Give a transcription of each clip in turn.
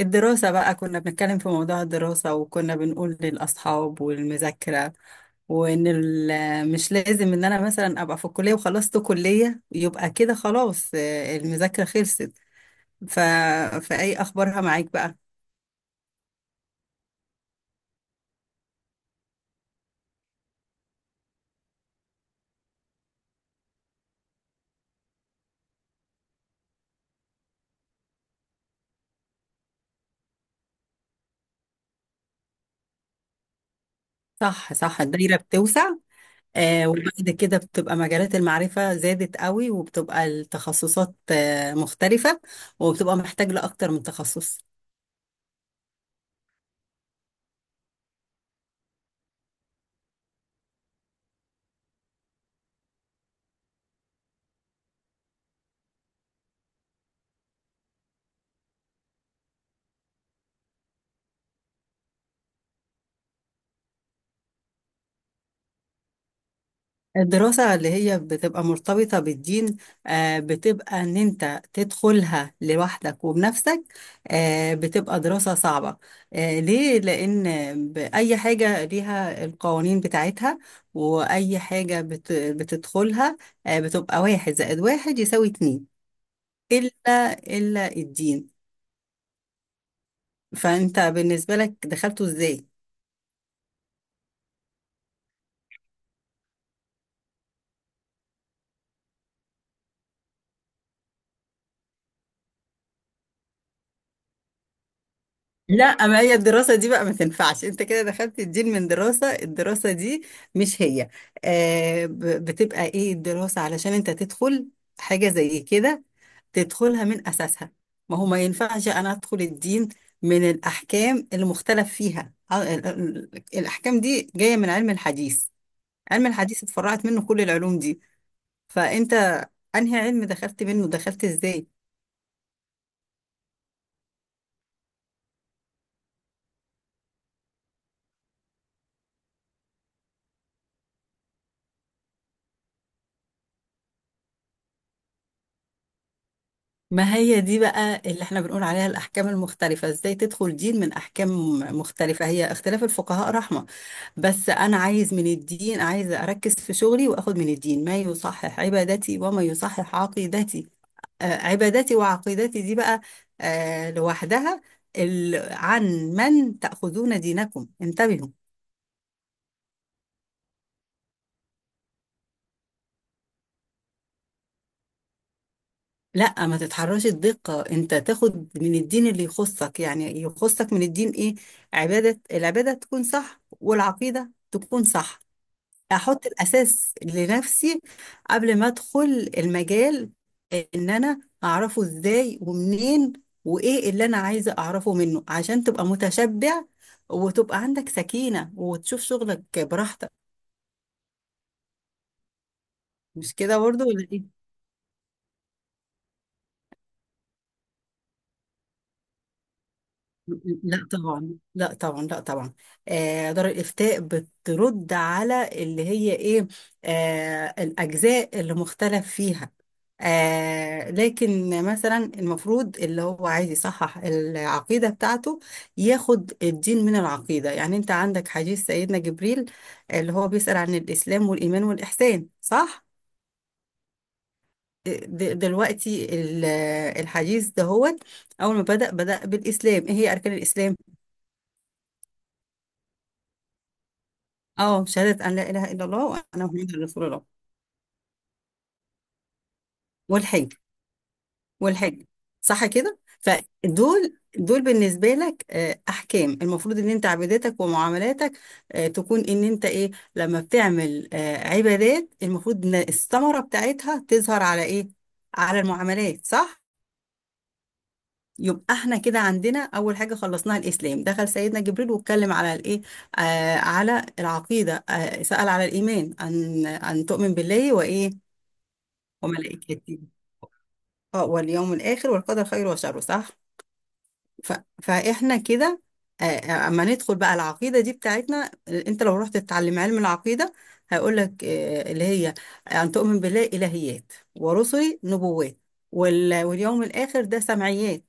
الدراسة بقى، كنا بنتكلم في موضوع الدراسة وكنا بنقول للأصحاب والمذاكرة. وإن مش لازم إن أنا مثلا أبقى في الكلية وخلصت كلية يبقى كده خلاص، المذاكرة خلصت. ف... فأي أخبارها معاك بقى؟ صح، صح. الدايرة بتوسع. وبعد كده بتبقى مجالات المعرفة زادت قوي، وبتبقى التخصصات مختلفة، وبتبقى محتاج لأكتر من تخصص. الدراسة اللي هي بتبقى مرتبطة بالدين، بتبقى إن أنت تدخلها لوحدك وبنفسك. بتبقى دراسة صعبة. ليه؟ لأن بأي حاجة ليها القوانين بتاعتها، وأي حاجة بتدخلها بتبقى واحد زائد واحد يساوي اتنين، إلا الدين. فأنت بالنسبة لك دخلته إزاي؟ لا، ما هي الدراسة دي بقى ما تنفعش، انت كده دخلت الدين من دراسة، الدراسة دي مش هي. بتبقى ايه الدراسة علشان انت تدخل حاجة زي كده، تدخلها من أساسها. ما هو ما ينفعش أنا أدخل الدين من الأحكام اللي مختلف فيها. الأحكام دي جاية من علم الحديث. علم الحديث اتفرعت منه كل العلوم دي. فأنت أنهي علم دخلت منه؟ دخلت إزاي؟ ما هي دي بقى اللي احنا بنقول عليها الأحكام المختلفة، ازاي تدخل دين من أحكام مختلفة؟ هي اختلاف الفقهاء رحمة، بس أنا عايز من الدين، عايز أركز في شغلي وأخد من الدين ما يصحح عبادتي وما يصحح عقيدتي. عبادتي وعقيدتي دي بقى، لوحدها. عن من تأخذون دينكم انتبهوا. لا، ما تتحرش الدقة، انت تاخد من الدين اللي يخصك، يعني يخصك من الدين ايه؟ العبادة تكون صح، والعقيدة تكون صح. احط الاساس لنفسي قبل ما ادخل المجال، ان انا اعرفه ازاي ومنين، وايه اللي انا عايزة اعرفه منه، عشان تبقى متشبع وتبقى عندك سكينة وتشوف شغلك براحتك. مش كده برضو ولا ايه؟ لا طبعا. لا طبعا. لا طبعا. دار الإفتاء بترد على اللي هي إيه؟ الأجزاء اللي مختلف فيها. لكن مثلا المفروض اللي هو عايز يصحح العقيدة بتاعته، ياخد الدين من العقيدة. يعني أنت عندك حديث سيدنا جبريل اللي هو بيسأل عن الإسلام والإيمان والإحسان، صح؟ دلوقتي الحديث دهوت، أول ما بدأ بالإسلام: إيه هي أركان الإسلام؟ اه، شهادة أن لا إله إلا الله وأنا محمد رسول الله. والحج. والحج. صح كده؟ فدول بالنسبة لك أحكام، المفروض إن أنت عباداتك ومعاملاتك تكون إن أنت إيه، لما بتعمل عبادات المفروض إن الثمرة بتاعتها تظهر على إيه؟ على المعاملات، صح؟ يبقى احنا كده عندنا أول حاجة خلصناها الإسلام. دخل سيدنا جبريل واتكلم على الإيه؟ على العقيدة. سأل على الإيمان: أن تؤمن بالله وإيه؟ وملائكته، اه، واليوم الآخر والقدر خيره وشره، صح. ف... فإحنا كده. اما ندخل بقى العقيدة دي بتاعتنا، انت لو رحت تتعلم علم العقيدة، هيقول لك اللي هي أن تؤمن بالله إلهيات، ورسله نبوات، واليوم الآخر ده سمعيات.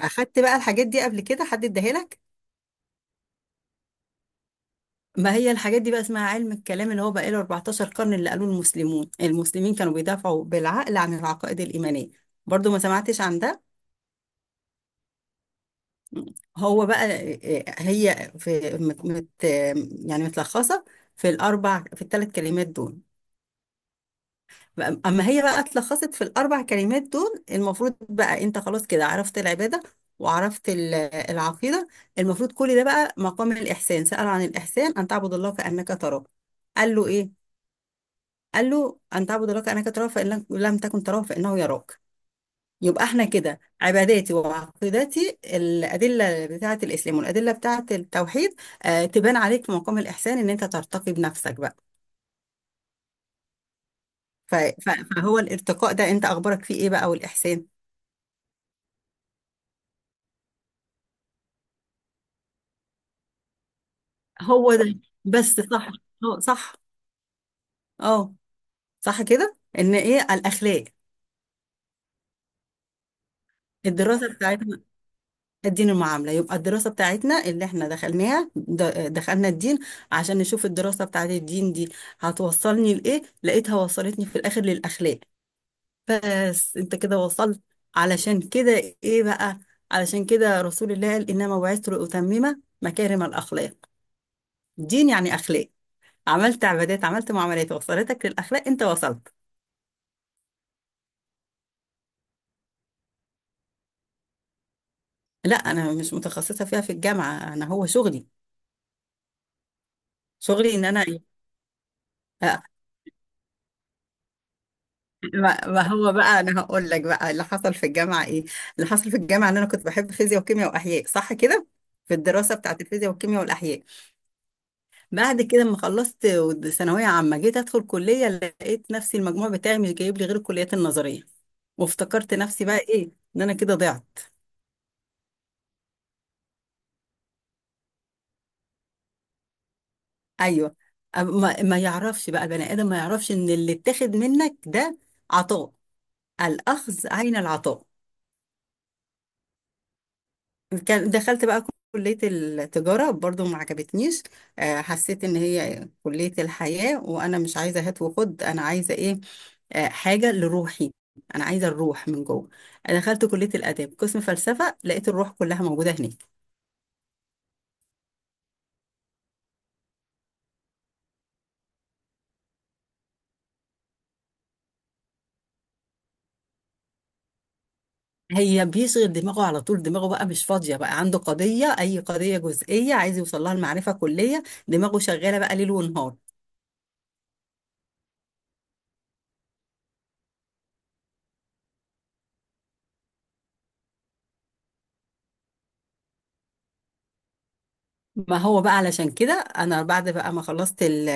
أخدت بقى الحاجات دي قبل كده، حد اداها لك؟ ما هي الحاجات دي بقى اسمها علم الكلام، اللي هو بقى له 14 قرن، اللي قالوه المسلمين كانوا بيدافعوا بالعقل عن العقائد الإيمانية. برضو ما سمعتش عن ده؟ هو بقى هي يعني متلخصة في الثلاث كلمات دول. أما هي بقى اتلخصت في الأربع كلمات دول، المفروض بقى أنت خلاص كده عرفت العبادة وعرفت العقيدة. المفروض كل ده بقى مقام الإحسان. سأل عن الإحسان: أن تعبد الله كأنك تراه. قال له إيه؟ قال له أن تعبد الله كأنك تراه، فإن لم تكن تراه فإنه يراك. يبقى احنا كده عباداتي وعقيدتي الأدلة بتاعة الإسلام والأدلة بتاعة التوحيد تبان عليك في مقام الإحسان، إن أنت ترتقي بنفسك بقى. ف- ف- فهو الارتقاء ده أنت أخبارك فيه إيه بقى، والإحسان؟ هو ده، بس، صح. اه، صح. اه. صح كده إن إيه الأخلاق. الدراسة بتاعتنا، الدين المعاملة، يبقى الدراسة بتاعتنا اللي احنا دخلناها، دخلنا الدين عشان نشوف الدراسة بتاعت الدين دي هتوصلني لإيه. لقيتها وصلتني في الآخر للأخلاق. بس انت كده وصلت. علشان كده ايه بقى، علشان كده رسول الله قال انما بعثت لاتمم مكارم الاخلاق. دين يعني اخلاق. عملت عبادات، عملت معاملات، وصلتك للاخلاق. انت وصلت. لا، انا مش متخصصه فيها في الجامعه، انا هو شغلي. شغلي ان انا ايه. آه، ما هو بقى انا هقول لك بقى اللي حصل في الجامعه ايه. اللي حصل في الجامعه ان انا كنت بحب فيزياء وكيمياء واحياء، صح كده. في الدراسه بتاعت الفيزياء والكيمياء والاحياء. بعد كده لما خلصت ثانوية عامة، جيت أدخل كلية، لقيت نفسي المجموع بتاعي مش جايب لي غير الكليات النظرية، وافتكرت نفسي بقى إيه، إن أنا كده ضعت. أيوه. ما يعرفش بقى البني آدم، ما يعرفش إن اللي اتاخد منك ده عطاء، الأخذ عين العطاء. دخلت بقى كلية التجارة، برضو ما عجبتنيش. حسيت إن هي كلية الحياة، وأنا مش عايزة هات وخد، أنا عايزة إيه، حاجة لروحي، أنا عايزة الروح من جوه. أنا دخلت كلية الآداب قسم فلسفة، لقيت الروح كلها موجودة هناك. هي بيشغل دماغه على طول، دماغه بقى مش فاضية، بقى عنده قضية، أي قضية جزئية عايز يوصل لها المعرفة كلية، دماغه شغالة بقى ليل ونهار. ما هو بقى علشان كده انا بعد بقى ما خلصت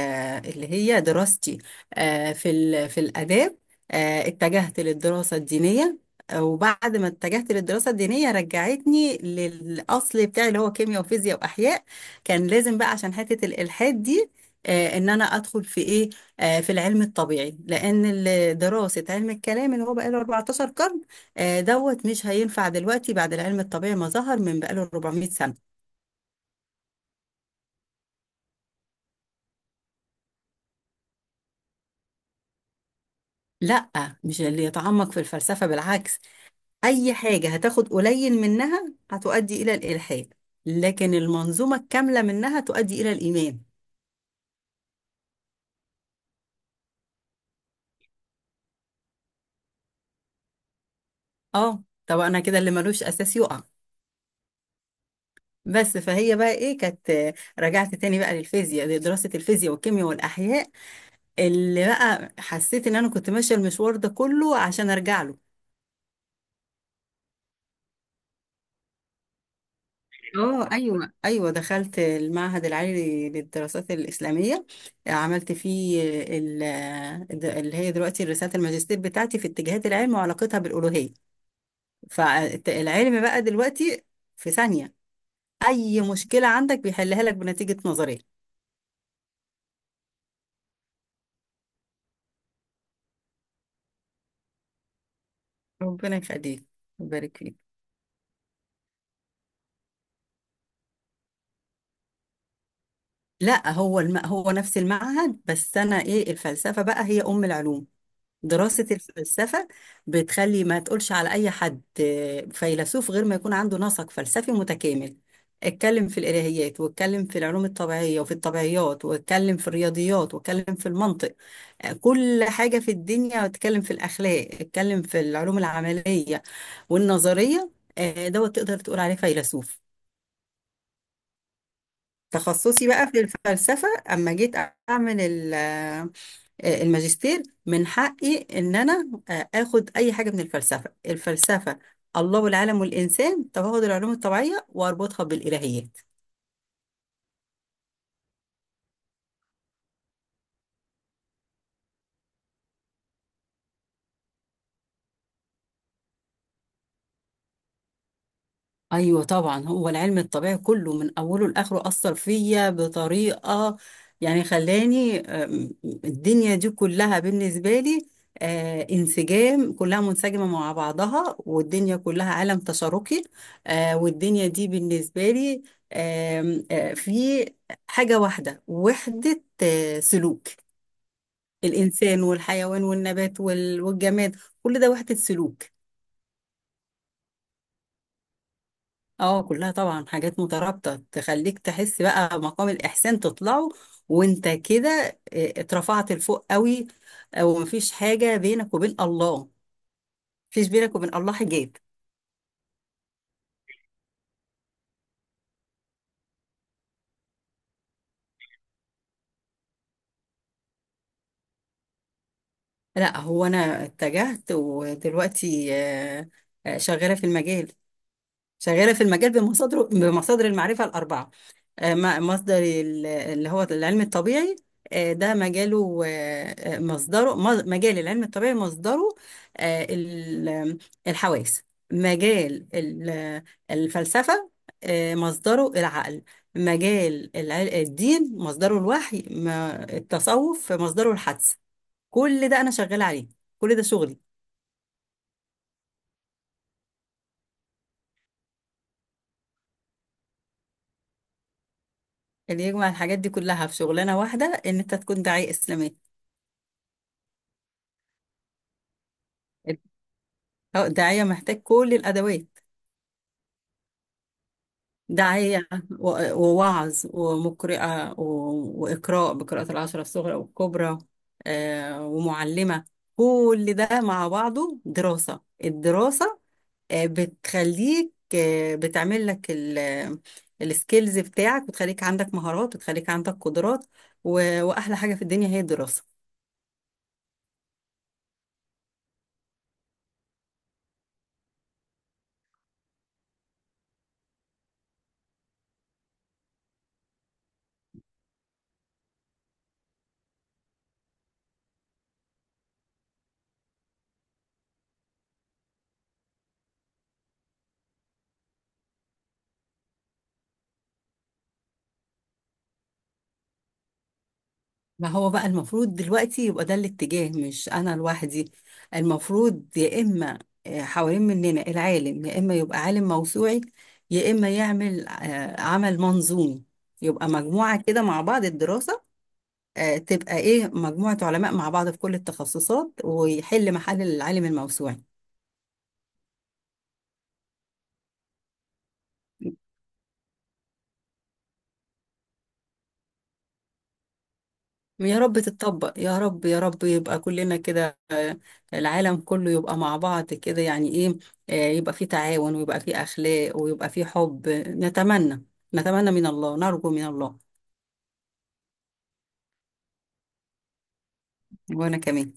اللي هي دراستي في الاداب، اتجهت للدراسه الدينيه. وبعد ما اتجهت للدراسه الدينيه رجعتني للاصل بتاعي، اللي هو كيمياء وفيزياء واحياء. كان لازم بقى، عشان حته الالحاد دي، ان انا ادخل في ايه، في العلم الطبيعي. لان دراسه علم الكلام اللي هو بقى له 14 قرن، دوت مش هينفع دلوقتي، بعد العلم الطبيعي ما ظهر من بقى له 400 سنه. لا. مش اللي يتعمق في الفلسفة، بالعكس. أي حاجة هتاخد قليل منها هتؤدي إلى الإلحاد، لكن المنظومة الكاملة منها تؤدي إلى الإيمان. اه، طب أنا كده اللي ملوش أساس يقع. بس فهي بقى إيه كانت، رجعت تاني بقى للفيزياء، لدراسة الفيزياء والكيمياء والأحياء، اللي بقى حسيت إن أنا كنت ماشية المشوار ده كله عشان أرجع له. اه، ايوه، ايوه، دخلت المعهد العالي للدراسات الاسلاميه. عملت فيه ال- اللي هي دلوقتي رساله الماجستير بتاعتي في اتجاهات العلم وعلاقتها بالالوهيه. فالعلم بقى دلوقتي في ثانيه اي مشكله عندك بيحلها لك بنتيجه نظريه. ربنا يخليك ويبارك فيك. لا، هو هو نفس المعهد، بس انا ايه، الفلسفه بقى هي ام العلوم. دراسة الفلسفة بتخلي ما تقولش على أي حد فيلسوف غير ما يكون عنده نسق فلسفي متكامل: اتكلم في الإلهيات، واتكلم في العلوم الطبيعية وفي الطبيعيات، واتكلم في الرياضيات، واتكلم في المنطق، كل حاجة في الدنيا، اتكلم في الأخلاق، اتكلم في العلوم العملية والنظرية، دوت تقدر تقول عليه فيلسوف. تخصصي بقى في الفلسفة. أما جيت أعمل الماجستير، من حقي ان انا اخد اي حاجه من الفلسفه. الفلسفه الله والعالم والانسان، طب هاخد العلوم الطبيعيه واربطها بالالهيات. ايوه طبعا، هو العلم الطبيعي كله من اوله لاخره اثر فيا بطريقه، يعني خلاني الدنيا دي كلها بالنسبه لي انسجام، كلها منسجمه مع بعضها، والدنيا كلها عالم تشاركي. والدنيا دي بالنسبه لي آم، آه، في حاجه واحده، وحده سلوك. الانسان والحيوان والنبات والجماد، كل ده وحده سلوك. اه، كلها طبعا حاجات مترابطة، تخليك تحس بقى مقام الإحسان تطلعه، وانت كده اه، اترفعت لفوق قوي، اه، ومفيش حاجة بينك وبين الله، مفيش بينك وبين الله حجاب. لا، هو انا اتجهت ودلوقتي اه، شغالة في المجال. شغالة في المجال بمصادر المعرفة الأربعة. مصدر اللي هو العلم الطبيعي، ده مجاله. مصدره مجال العلم الطبيعي مصدره آه، ال- الحواس. مجال الفلسفة مصدره العقل. مجال الدين مصدره الوحي. التصوف مصدره الحدس. كل ده أنا شغالة عليه، كل ده شغلي. اللي يجمع الحاجات دي كلها في شغلانة واحدة إن أنت تكون داعية إسلامية. أو الداعية محتاج كل الأدوات: داعية، ووعظ، ومقرئة، وإقراء بقراءة العشرة الصغرى والكبرى، ومعلمة. كل ده مع بعضه دراسة. الدراسة بتخليك، بتعمل لك السكيلز بتاعك، بتخليك عندك مهارات، بتخليك عندك قدرات، وأحلى حاجة في الدنيا هي الدراسة. ما هو بقى المفروض دلوقتي يبقى ده الاتجاه، مش انا لوحدي. المفروض يا اما حوالين مننا العالم يا اما يبقى عالم موسوعي، يا اما يعمل عمل منظومي، يبقى مجموعة كده مع بعض الدراسة، تبقى ايه، مجموعة علماء مع بعض في كل التخصصات ويحل محل العالم الموسوعي. يا رب تتطبق، يا رب، يا رب يبقى كلنا كده العالم كله يبقى مع بعض كده، يعني ايه، يبقى في تعاون، ويبقى في اخلاق، ويبقى في حب. نتمنى، نتمنى من الله، نرجو من الله. وانا كمان.